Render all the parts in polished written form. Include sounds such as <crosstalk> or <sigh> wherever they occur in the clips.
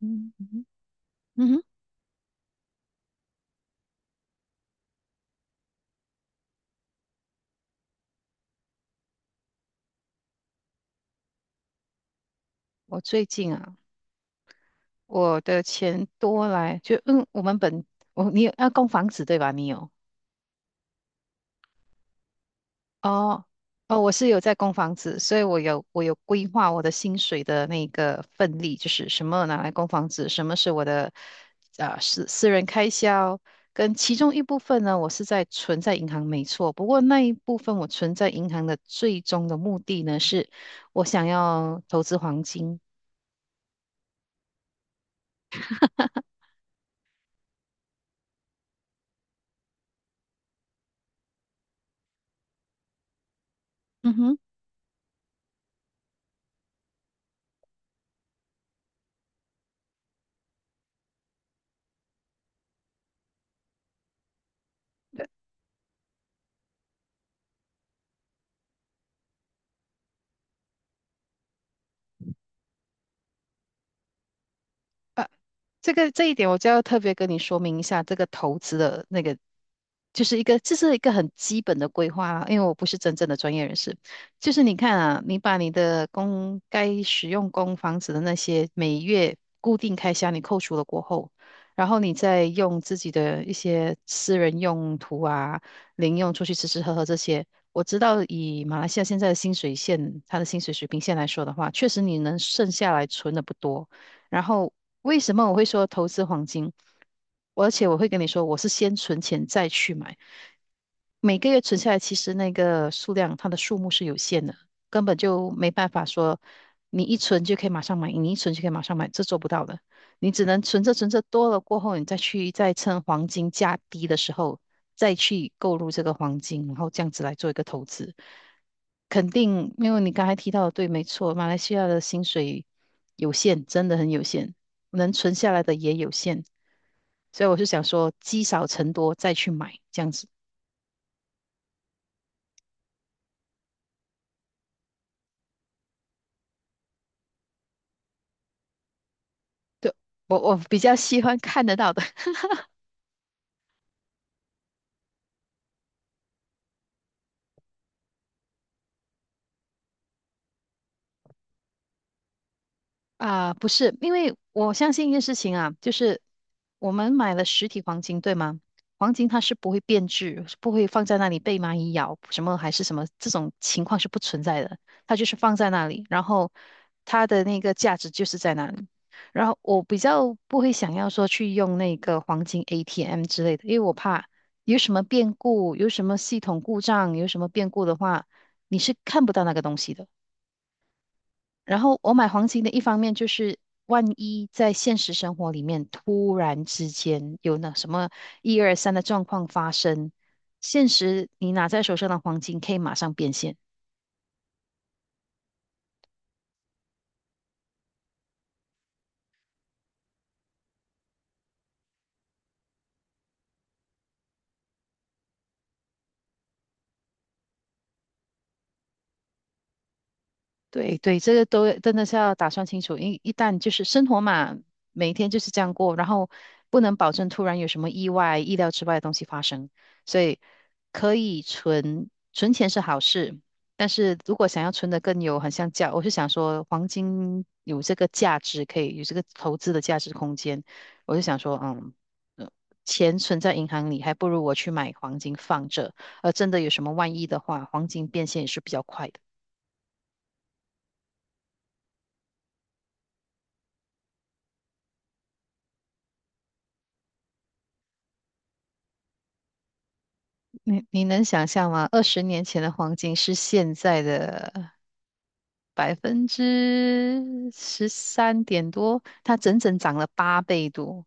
嗯嗯哼。嗯哼，我最近啊，我的钱多来就嗯，我们本我你有要供房子对吧？哦哦，我是有在供房子，所以我有规划我的薪水的那个份例，就是什么拿来供房子，什么是我的私人开销，跟其中一部分呢，我是在存在银行没错，不过那一部分我存在银行的最终的目的呢，是我想要投资黄金。嗯哼。这一点我就要特别跟你说明一下，这个投资的那个就是一个，这是一个很基本的规划啦，因为我不是真正的专业人士。就是你看啊，你把你的公该使用公房子的那些每月固定开销你扣除了过后，然后你再用自己的一些私人用途啊、零用出去吃吃喝喝这些。我知道以马来西亚现在的薪水线，它的薪水水平线来说的话，确实你能剩下来存的不多。然后为什么我会说投资黄金？而且我会跟你说，我是先存钱再去买，每个月存下来，其实那个数量它的数目是有限的，根本就没办法说你一存就可以马上买，你一存就可以马上买，这做不到的。你只能存着存着多了过后，你再趁黄金价低的时候再去购入这个黄金，然后这样子来做一个投资。肯定，因为你刚才提到的对，没错，马来西亚的薪水有限，真的很有限，能存下来的也有限，所以我是想说，积少成多再去买这样子。我比较喜欢看得到的。啊，不是，因为我相信一件事情啊，就是我们买了实体黄金，对吗？黄金它是不会变质，是不会放在那里被蚂蚁咬，什么还是什么这种情况是不存在的，它就是放在那里，然后它的那个价值就是在那里。然后我比较不会想要说去用那个黄金 ATM 之类的，因为我怕有什么变故，有什么系统故障，有什么变故的话，你是看不到那个东西的。然后我买黄金的一方面就是，万一在现实生活里面突然之间有那什么一二三的状况发生，现实你拿在手上的黄金可以马上变现。对对，这个都真的是要打算清楚，一旦就是生活嘛，每天就是这样过，然后不能保证突然有什么意外、意料之外的东西发生，所以可以存存钱是好事，但是如果想要存的更有，很像价，我是想说黄金有这个价值，可以有这个投资的价值空间，我就想说，呃钱存在银行里，还不如我去买黄金放着，而真的有什么万一的话，黄金变现也是比较快的。你能想象吗？20年前的黄金是现在的13%多，它整整涨了8倍多。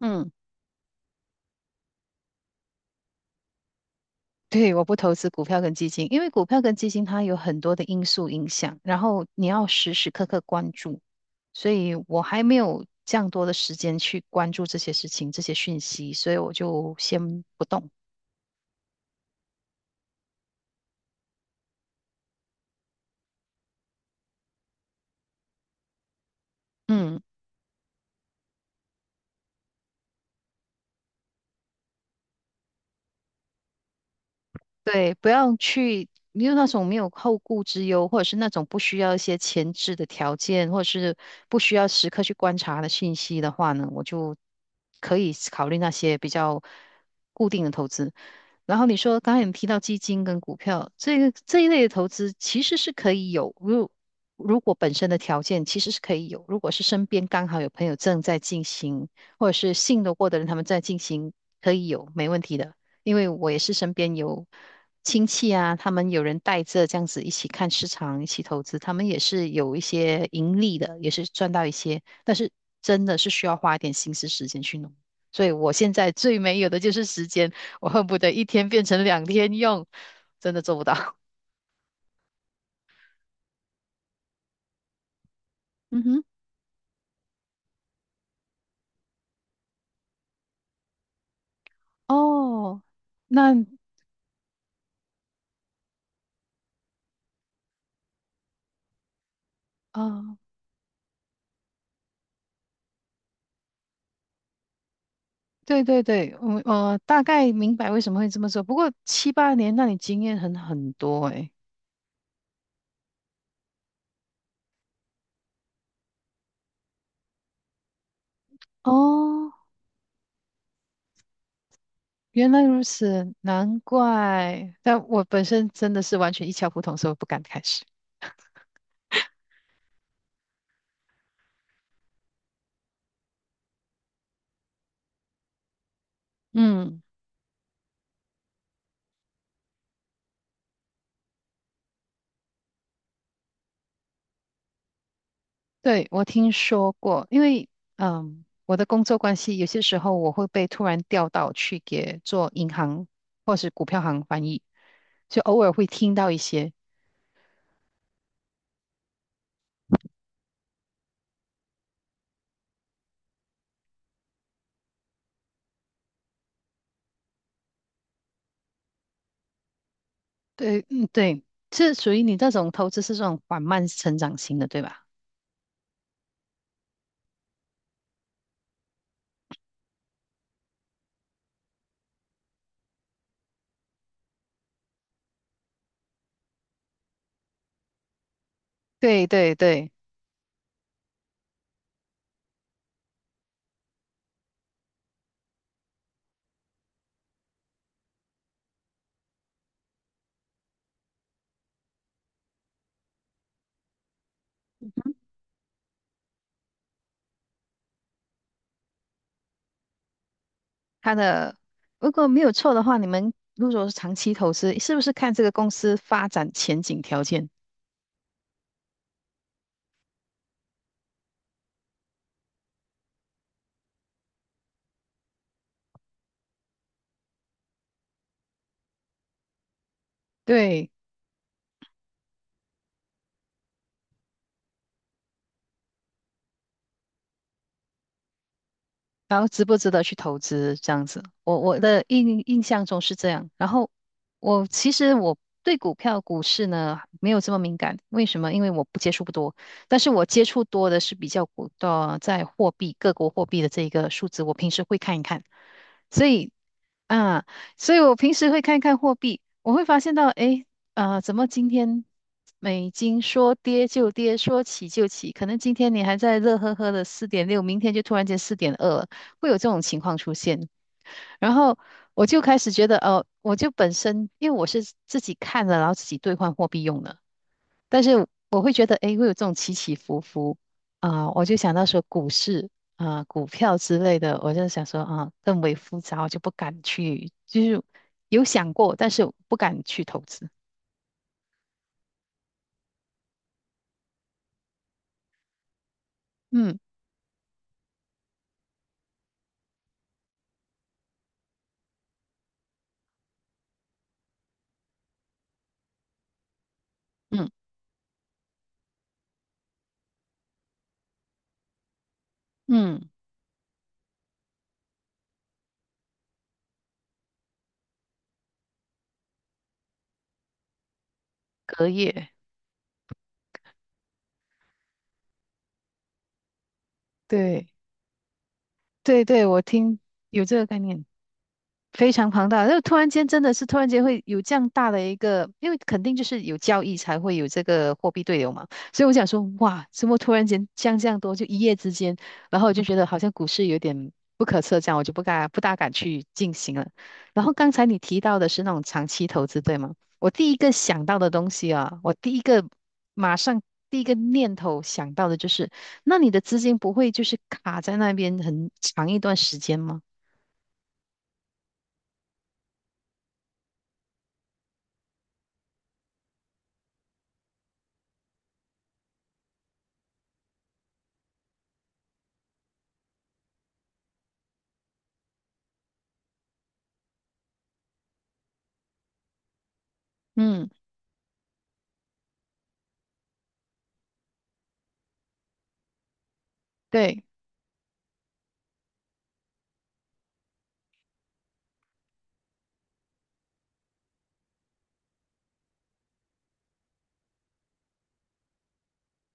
嗯。 <laughs> 对，我不投资股票跟基金，因为股票跟基金它有很多的因素影响，然后你要时时刻刻关注，所以我还没有这样多的时间去关注这些事情、这些讯息，所以我就先不动。嗯。对，不要去，没有那种没有后顾之忧，或者是那种不需要一些前置的条件，或者是不需要时刻去观察的信息的话呢，我就可以考虑那些比较固定的投资。然后你说刚才你提到基金跟股票，这一类的投资其实是可以有，如果本身的条件其实是可以有，如果是身边刚好有朋友正在进行，或者是信得过的人他们在进行，可以有，没问题的。因为我也是身边有亲戚啊，他们有人带着这样子一起看市场，一起投资，他们也是有一些盈利的，也是赚到一些，但是真的是需要花一点心思时间去弄。所以我现在最没有的就是时间，我恨不得一天变成两天用，真的做不到。<laughs> 嗯哼。哦。那啊、呃对对对，我大概明白为什么会这么做。不过七八年，那你经验很多诶。哦，原来如此，难怪。但我本身真的是完全一窍不通，所以我不敢开始。嗯，对，我听说过，因为我的工作关系，有些时候我会被突然调到去给做银行或是股票行翻译，就偶尔会听到一些。对，嗯，对，是属于你这种投资是这种缓慢成长型的，对吧？对对对。它的如果没有错的话，你们如果是长期投资，是不是看这个公司发展前景条件？对，然后值不值得去投资这样子？我的印象中是这样。然后我其实对股票、股市呢没有这么敏感，为什么？因为我不接触不多，但是我接触多的是比较股的在货币各国货币的这一个数字，我平时会看一看。所以啊，所以我平时会看一看货币，我会发现到，诶，怎么今天美金说跌就跌，说起就起？可能今天你还在乐呵呵的4.6，明天就突然间4.2了，会有这种情况出现。然后我就开始觉得，哦、我就本身因为我是自己看了，然后自己兑换货币用的，但是我会觉得，诶，会有这种起起伏伏啊、我就想到说股市啊、股票之类的，我就想说啊、更为复杂，我就不敢去，就是有想过，但是不敢去投资。嗯。嗯嗯，隔夜，对对对，我听有这个概念。非常庞大，就突然间真的是突然间会有这样大的一个，因为肯定就是有交易才会有这个货币对流嘛，所以我想说，哇，怎么突然间降这样多，就一夜之间，然后我就觉得好像股市有点不可测，这样我就不敢不大敢去进行了。然后刚才你提到的是那种长期投资，对吗？我第一个想到的东西啊，我第一个马上第一个念头想到的就是，那你的资金不会就是卡在那边很长一段时间吗？嗯，对。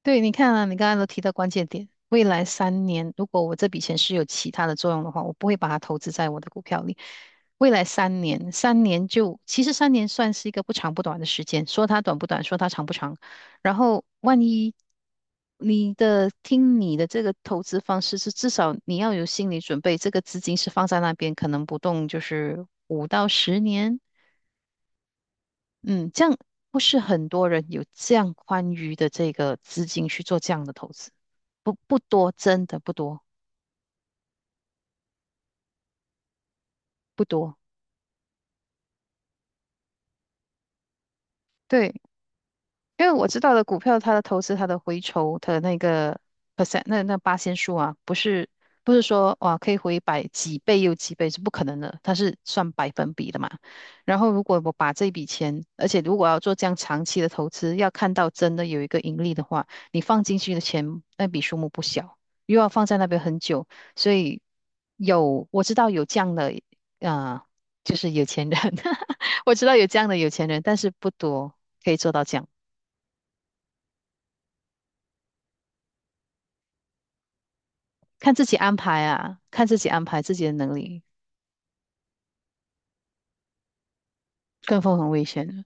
对，你看啊，你刚才都提到关键点，未来三年，如果我这笔钱是有其他的作用的话，我不会把它投资在我的股票里。未来三年，三年就，其实三年算是一个不长不短的时间，说它短不短，说它长不长。然后，万一你的，听你的这个投资方式是，至少你要有心理准备，这个资金是放在那边，可能不动，就是5到10年。嗯，这样不是很多人有这样宽裕的这个资金去做这样的投资，不多，真的不多，不多。对，因为我知道的股票，它的投资、它的回酬、它的那个 percent,那八仙数啊，不是不是说哇可以回百几倍又几倍是不可能的，它是算百分比的嘛。然后如果我把这笔钱，而且如果要做这样长期的投资，要看到真的有一个盈利的话，你放进去的钱那笔数目不小，又要放在那边很久，所以有我知道有这样的啊，就是有钱人，<laughs> 我知道有这样的有钱人，但是不多可以做到这样。看自己安排啊，看自己安排自己的能力，跟风很危险的。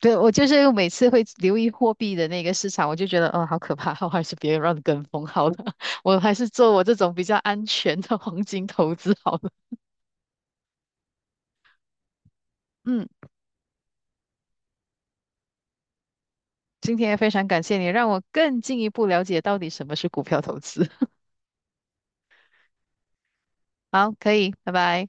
对，我就是每次会留意货币的那个市场，我就觉得，哦，好可怕，<laughs> 我还是别让跟风好了，<laughs> 我还是做我这种比较安全的黄金投资好了。嗯，今天也非常感谢你，让我更进一步了解到底什么是股票投资。好，可以，拜拜。